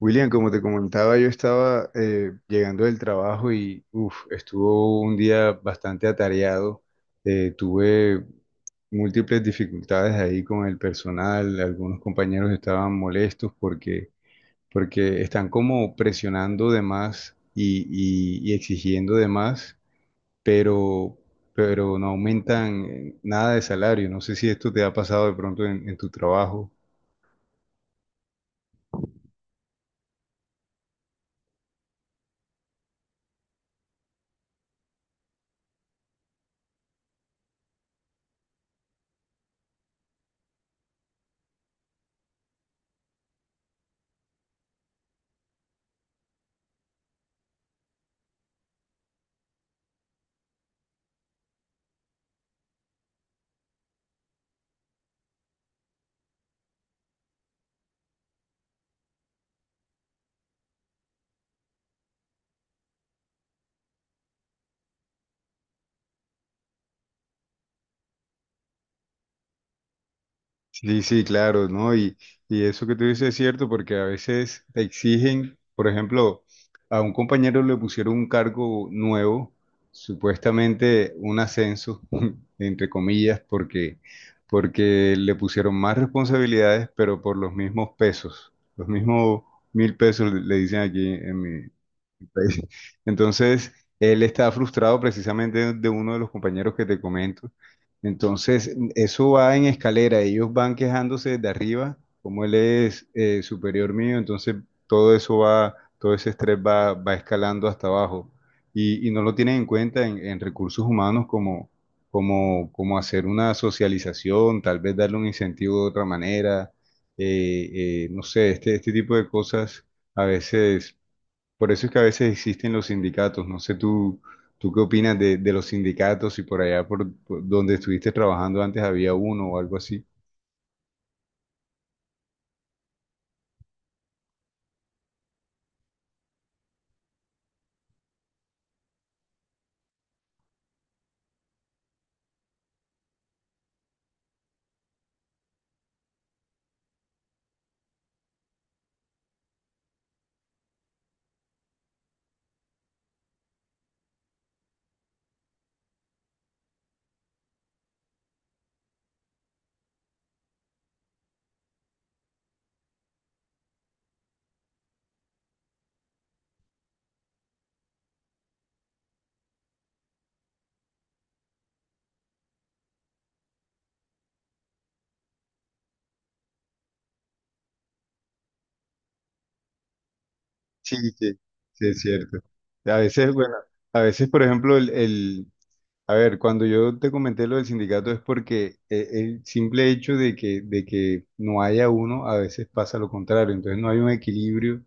William, como te comentaba, yo estaba llegando del trabajo y uf, estuvo un día bastante atareado. Tuve múltiples dificultades ahí con el personal. Algunos compañeros estaban molestos porque están como presionando de más y exigiendo de más, pero, pero no aumentan nada de salario. No sé si esto te ha pasado de pronto en tu trabajo. Sí, sí, claro, ¿no? Y eso que tú dices es cierto porque a veces te exigen, por ejemplo, a un compañero le pusieron un cargo nuevo, supuestamente un ascenso, entre comillas, porque le pusieron más responsabilidades, pero por los mismos pesos, los mismos mil pesos le dicen aquí en mi, país. Entonces, él está frustrado precisamente de uno de los compañeros que te comento. Entonces, eso va en escalera. Ellos van quejándose de arriba, como él es superior mío, entonces todo eso va, todo ese estrés va, va escalando hasta abajo. Y no lo tienen en cuenta en recursos humanos como hacer una socialización, tal vez darle un incentivo de otra manera. No sé, este tipo de cosas a veces, por eso es que a veces existen los sindicatos. No sé, tú qué opinas de los sindicatos, y por allá por donde estuviste trabajando antes había uno o algo así. Sí, sí, sí, es cierto. A veces, bueno, a veces, por ejemplo, a ver, cuando yo te comenté lo del sindicato es porque el simple hecho de que no haya uno, a veces pasa lo contrario. Entonces no hay un equilibrio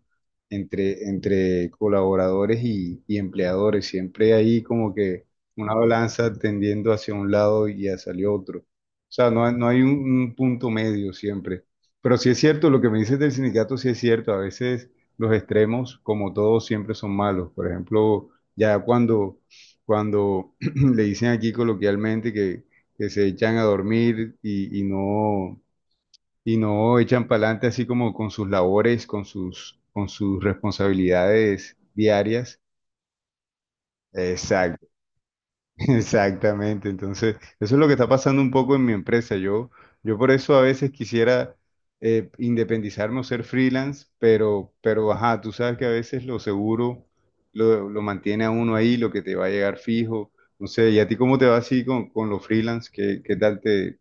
entre colaboradores y empleadores. Siempre hay como que una balanza tendiendo hacia un lado y hacia el otro. O sea, no hay un punto medio siempre. Pero sí es cierto, lo que me dices del sindicato sí es cierto. A veces los extremos, como todos, siempre son malos. Por ejemplo, ya cuando, cuando le dicen aquí coloquialmente que se echan a dormir y y no echan para adelante así como con sus labores, con sus responsabilidades diarias. Exactamente, entonces eso es lo que está pasando un poco en mi empresa. Yo por eso a veces quisiera independizarme o ser freelance, pero ajá, tú sabes que a veces lo seguro lo mantiene a uno ahí, lo que te va a llegar fijo. No sé, ¿y a ti cómo te va así con los freelance? ¿Qué, qué tal te,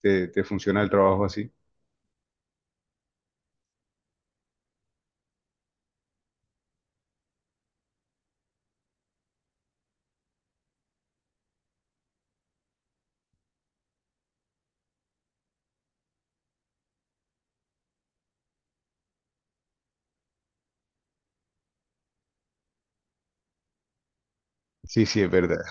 te, te funciona el trabajo así? Sí, sí, es verdad.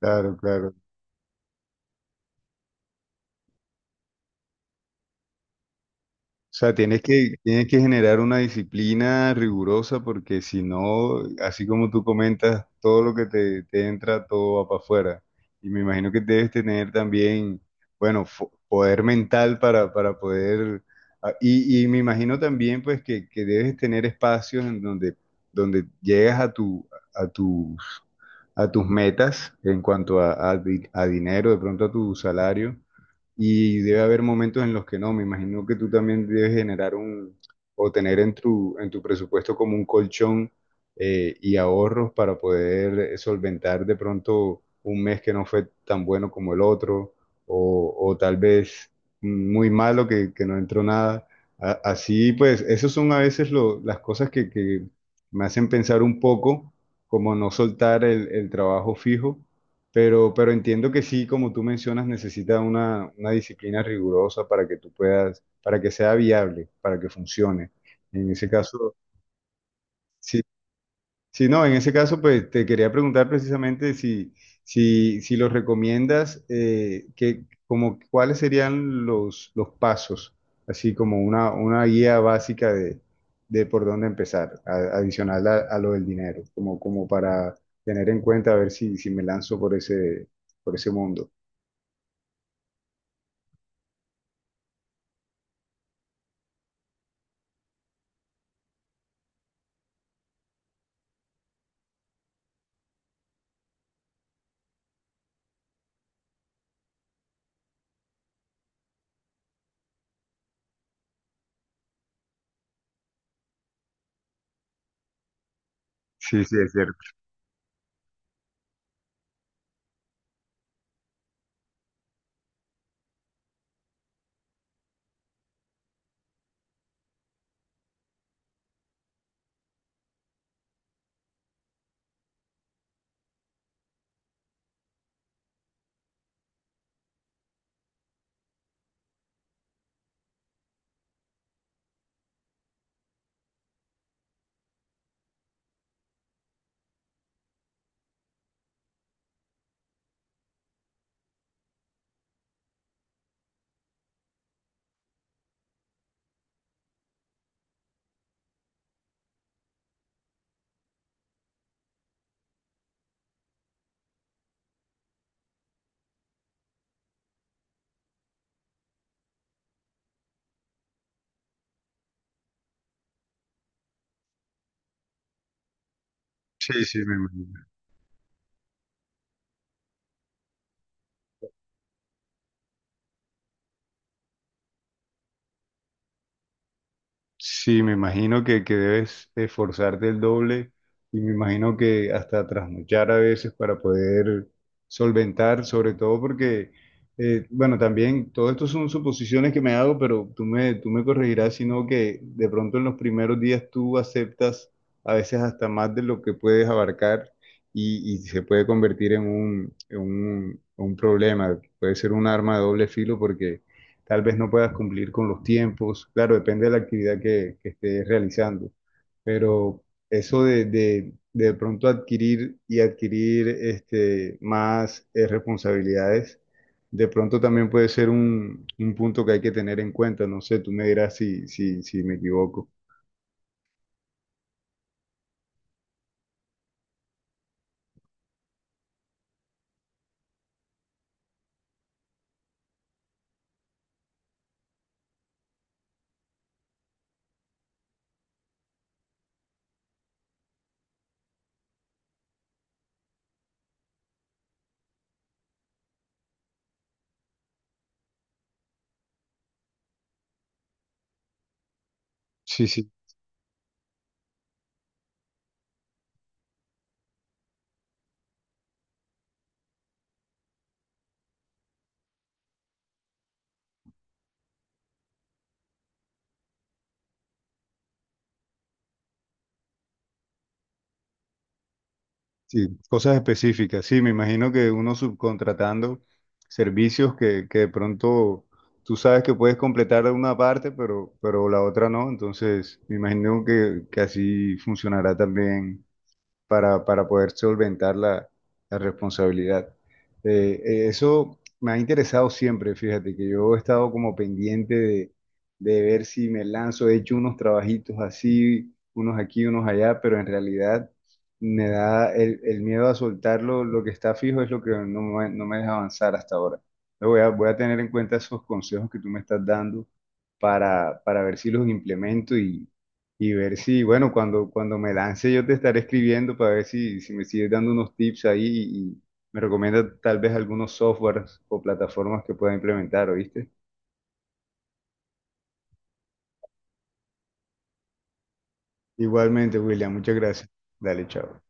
Claro, claro. O sea, tienes que generar una disciplina rigurosa porque si no, así como tú comentas, todo lo que te entra, todo va para afuera. Y me imagino que debes tener también, bueno, poder mental para poder... Ah, y me imagino también pues que debes tener espacios en donde, donde llegas a tu, a tus, a tus metas en cuanto a, a dinero, de pronto a tu salario y debe haber momentos en los que no. Me imagino que tú también debes generar un, o tener en tu presupuesto como un colchón y ahorros para poder solventar de pronto un mes que no fue tan bueno como el otro o tal vez muy malo que no entró nada. Así pues, esos son a veces las cosas que me hacen pensar un poco como no soltar el trabajo fijo, pero entiendo que sí, como tú mencionas, necesita una disciplina rigurosa para que tú puedas, para que sea viable, para que funcione. En ese caso, sí, sí, no, en ese caso, pues te quería preguntar precisamente si, si los recomiendas, que, como, cuáles serían los pasos, así como una guía básica de por dónde empezar, adicional a lo del dinero, como para tener en cuenta a ver si, si me lanzo por ese mundo. Sí, sí, es cierto. Sí, sí, me imagino. Sí, me imagino que debes esforzarte el doble y me imagino que hasta trasnochar a veces para poder solventar, sobre todo porque, bueno, también todo esto son suposiciones que me hago, pero tú me corregirás, sino que de pronto en los primeros días tú aceptas a veces hasta más de lo que puedes abarcar y se puede convertir en un, un problema, puede ser un arma de doble filo porque tal vez no puedas cumplir con los tiempos, claro, depende de la actividad que estés realizando, pero eso de pronto adquirir y adquirir este, más responsabilidades, de pronto también puede ser un punto que hay que tener en cuenta, no sé, tú me dirás si, si me equivoco. Sí, sí. Sí, cosas específicas. Sí, me imagino que uno subcontratando servicios que de pronto tú sabes que puedes completar una parte, pero la otra no. Entonces, me imagino que así funcionará también para poder solventar la, la responsabilidad. Eso me ha interesado siempre, fíjate, que yo he estado como pendiente de ver si me lanzo, he hecho unos trabajitos así, unos aquí, unos allá, pero en realidad me da el miedo a soltarlo, lo que está fijo es lo que no me deja avanzar hasta ahora. Lo Voy a, voy a tener en cuenta esos consejos que tú me estás dando para ver si los implemento y ver si, bueno, cuando, cuando me lance yo te estaré escribiendo para ver si, si me sigues dando unos tips ahí y me recomienda tal vez algunos softwares o plataformas que pueda implementar, ¿oíste? Igualmente, William, muchas gracias. Dale, chao.